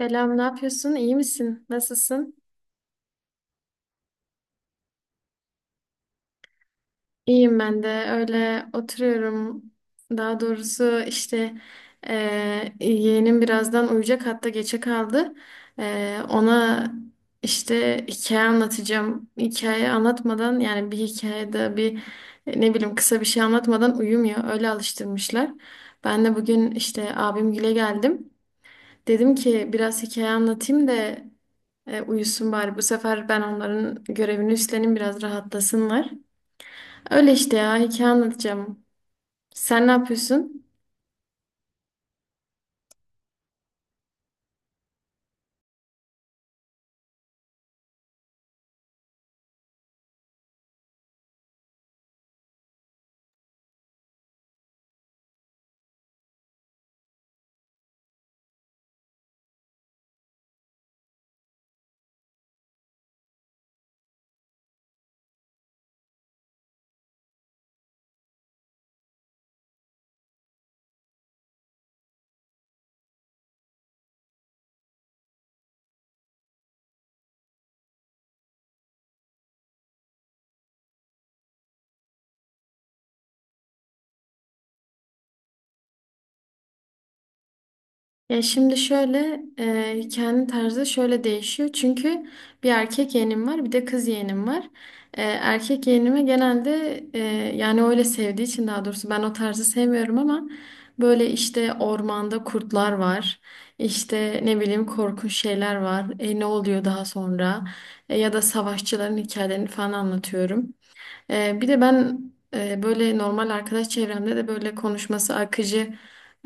Selam, ne yapıyorsun? İyi misin? Nasılsın? İyiyim ben de. Öyle oturuyorum. Daha doğrusu işte yeğenim birazdan uyuyacak hatta geçe kaldı. Ona işte hikaye anlatacağım. Hikaye anlatmadan yani bir hikayede ne bileyim kısa bir şey anlatmadan uyumuyor. Öyle alıştırmışlar. Ben de bugün işte abimgile geldim. Dedim ki biraz hikaye anlatayım da uyusun bari. Bu sefer ben onların görevini üstleneyim biraz rahatlasınlar. Öyle işte ya hikaye anlatacağım. Sen ne yapıyorsun? Ya şimdi şöyle, hikayenin tarzı şöyle değişiyor. Çünkü bir erkek yeğenim var bir de kız yeğenim var. Erkek yeğenime genelde, yani öyle sevdiği için daha doğrusu ben o tarzı sevmiyorum ama böyle işte ormanda kurtlar var. İşte ne bileyim korkunç şeyler var. Ne oluyor daha sonra? Ya da savaşçıların hikayelerini falan anlatıyorum. Bir de ben, böyle normal arkadaş çevremde de böyle konuşması akıcı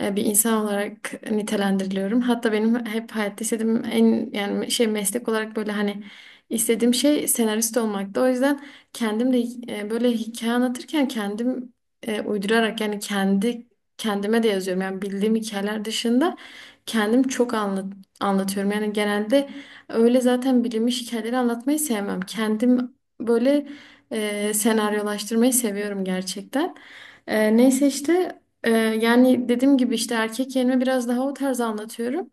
e, bir insan olarak nitelendiriliyorum. Hatta benim hep hayatta istediğim en yani şey meslek olarak böyle hani istediğim şey senarist olmaktı. O yüzden kendim de, böyle hikaye anlatırken kendim, uydurarak yani kendi kendime de yazıyorum. Yani bildiğim hikayeler dışında kendim çok anlatıyorum. Yani genelde öyle zaten bilinmiş hikayeleri anlatmayı sevmem. Kendim böyle, senaryolaştırmayı seviyorum gerçekten. Neyse işte, yani dediğim gibi işte erkek yerine biraz daha o tarz anlatıyorum.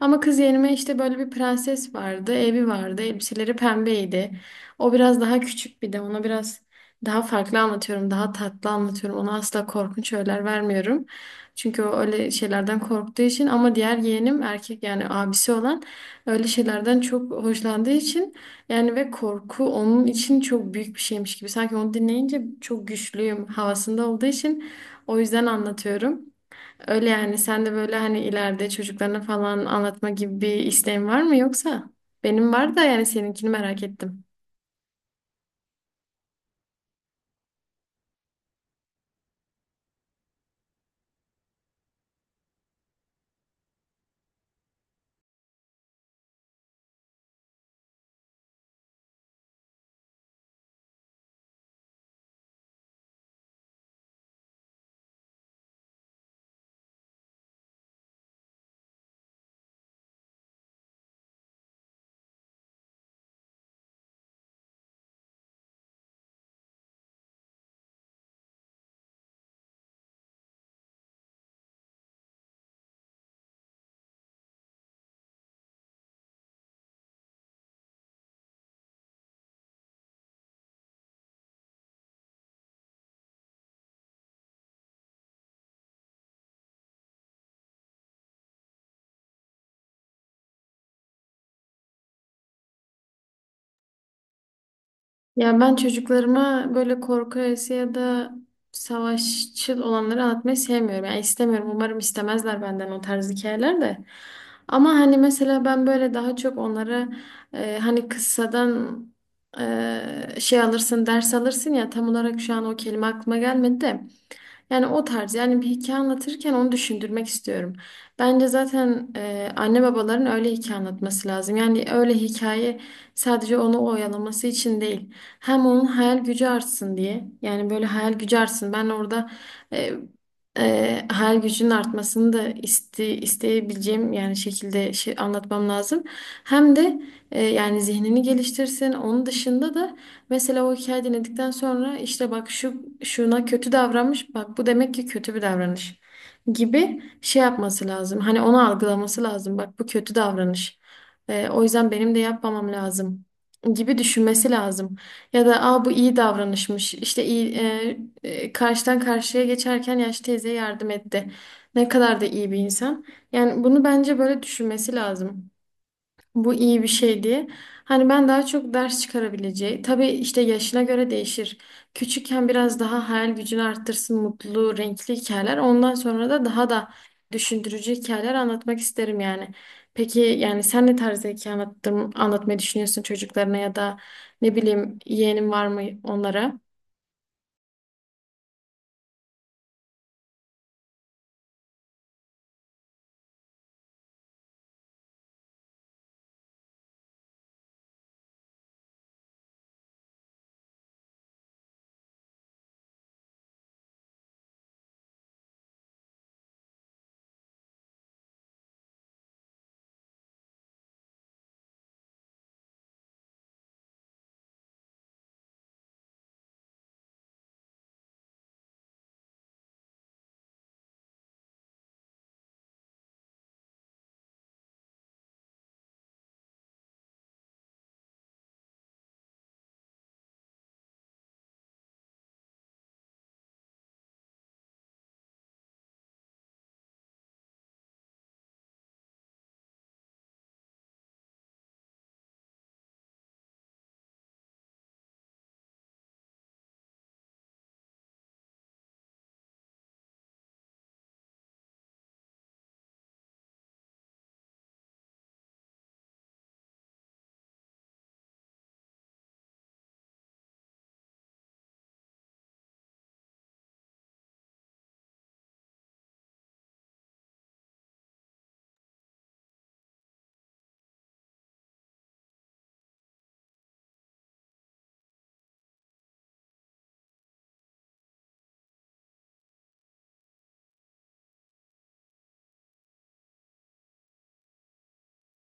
Ama kız yerime işte böyle bir prenses vardı, evi vardı, elbiseleri pembeydi. O biraz daha küçük bir de ona biraz daha farklı anlatıyorum, daha tatlı anlatıyorum. Ona asla korkunç öğeler vermiyorum. Çünkü o öyle şeylerden korktuğu için ama diğer yeğenim erkek yani abisi olan öyle şeylerden çok hoşlandığı için yani ve korku onun için çok büyük bir şeymiş gibi. Sanki onu dinleyince çok güçlüyüm havasında olduğu için o yüzden anlatıyorum. Öyle yani sen de böyle hani ileride çocuklarına falan anlatma gibi bir isteğin var mı yoksa? Benim var da yani seninkini merak ettim. Ya ben çocuklarıma böyle korku öğesi ya da savaşçıl olanları anlatmayı sevmiyorum. Yani istemiyorum. Umarım istemezler benden o tarz hikayeler de. Ama hani mesela ben böyle daha çok onlara, hani kıssadan şey alırsın, ders alırsın ya tam olarak şu an o kelime aklıma gelmedi de. Yani o tarz yani bir hikaye anlatırken onu düşündürmek istiyorum. Bence zaten, anne babaların öyle hikaye anlatması lazım. Yani öyle hikaye sadece onu oyalaması için değil. Hem onun hayal gücü artsın diye. Yani böyle hayal gücü artsın. Ben orada e, hayal gücünün artmasını da iste, isteyebileceğim yani şekilde şey anlatmam lazım. Hem de, yani zihnini geliştirsin. Onun dışında da mesela o hikaye dinledikten sonra işte bak şuna kötü davranmış bak bu demek ki kötü bir davranış gibi şey yapması lazım. Hani onu algılaması lazım bak bu kötü davranış. O yüzden benim de yapmamam lazım gibi düşünmesi lazım. Ya da aa bu iyi davranışmış işte iyi, karşıdan karşıya geçerken yaşlı teyze yardım etti. Ne kadar da iyi bir insan. Yani bunu bence böyle düşünmesi lazım. Bu iyi bir şey diye. Hani ben daha çok ders çıkarabileceği. Tabii işte yaşına göre değişir. Küçükken biraz daha hayal gücünü arttırsın mutlu, renkli hikayeler. Ondan sonra da daha da düşündürücü hikayeler anlatmak isterim yani. Peki yani sen ne tarzda hikaye anlatmayı düşünüyorsun çocuklarına ya da ne bileyim yeğenin var mı onlara?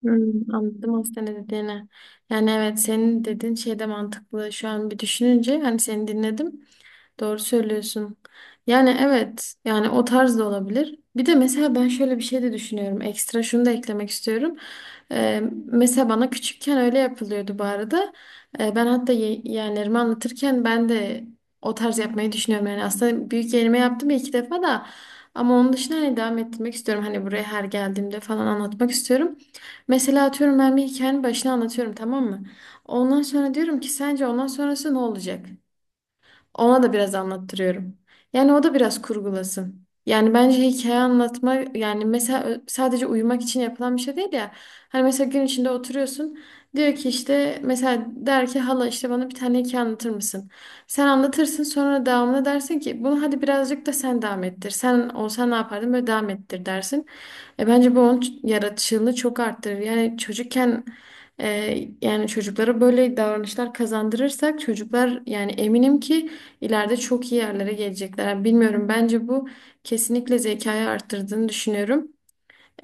Hmm, anladım aslında ne dediğini. Yani evet senin dediğin şey de mantıklı. Şu an bir düşününce hani seni dinledim. Doğru söylüyorsun. Yani evet, yani o tarz da olabilir. Bir de mesela ben şöyle bir şey de düşünüyorum. Ekstra şunu da eklemek istiyorum. Mesela bana küçükken öyle yapılıyordu bu arada. Ben hatta yeğenlerime anlatırken ben de o tarz yapmayı düşünüyorum. Yani aslında büyük yeğenime yaptım ya iki defa da. Ama onun dışında hani devam ettirmek istiyorum. Hani buraya her geldiğimde falan anlatmak istiyorum. Mesela atıyorum ben bir hikayenin başına anlatıyorum tamam mı? Ondan sonra diyorum ki sence ondan sonrası ne olacak? Ona da biraz anlattırıyorum. Yani o da biraz kurgulasın. Yani bence hikaye anlatma yani mesela sadece uyumak için yapılan bir şey değil ya. Hani mesela gün içinde oturuyorsun. Diyor ki işte mesela der ki hala işte bana bir tane hikaye anlatır mısın? Sen anlatırsın sonra devamlı dersin ki bunu hadi birazcık da sen devam ettir. Sen olsan ne yapardın böyle devam ettir dersin. E bence bu onun yaratıcılığını çok arttırır. Yani çocukken e, yani çocuklara böyle davranışlar kazandırırsak çocuklar yani eminim ki İleride çok iyi yerlere gelecekler. Yani bilmiyorum bence bu kesinlikle zekayı arttırdığını düşünüyorum.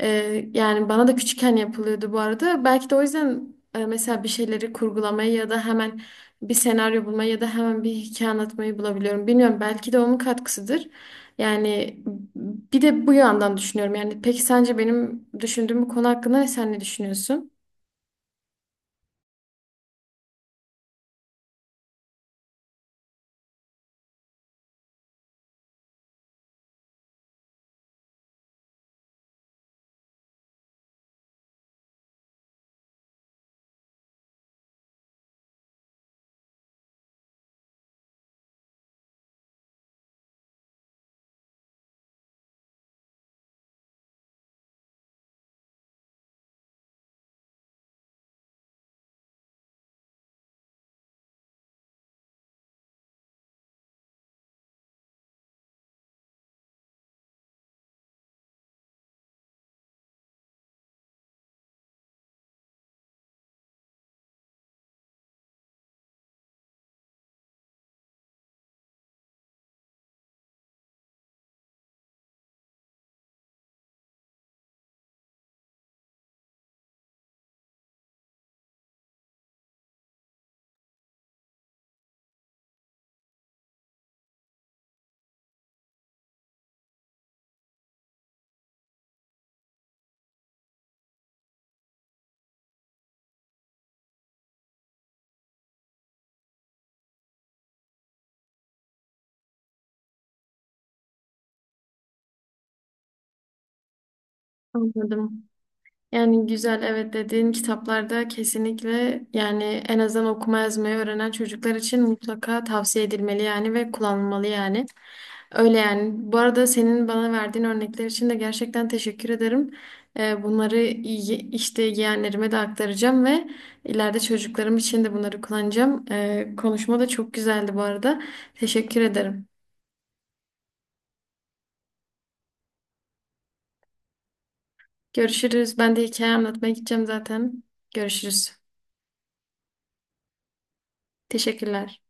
Yani bana da küçükken yapılıyordu bu arada. Belki de o yüzden, mesela bir şeyleri kurgulamayı ya da hemen bir senaryo bulmayı ya da hemen bir hikaye anlatmayı bulabiliyorum. Bilmiyorum belki de onun katkısıdır. Yani bir de bu yandan düşünüyorum. Yani peki sence benim düşündüğüm bu konu hakkında sen ne düşünüyorsun? Anladım. Yani güzel evet dediğin kitaplarda kesinlikle yani en azından okuma yazmayı öğrenen çocuklar için mutlaka tavsiye edilmeli yani ve kullanılmalı yani. Öyle yani. Bu arada senin bana verdiğin örnekler için de gerçekten teşekkür ederim. Bunları işte yeğenlerime de aktaracağım ve ileride çocuklarım için de bunları kullanacağım. Konuşma da çok güzeldi bu arada. Teşekkür ederim. Görüşürüz. Ben de hikaye anlatmaya gideceğim zaten. Görüşürüz. Teşekkürler.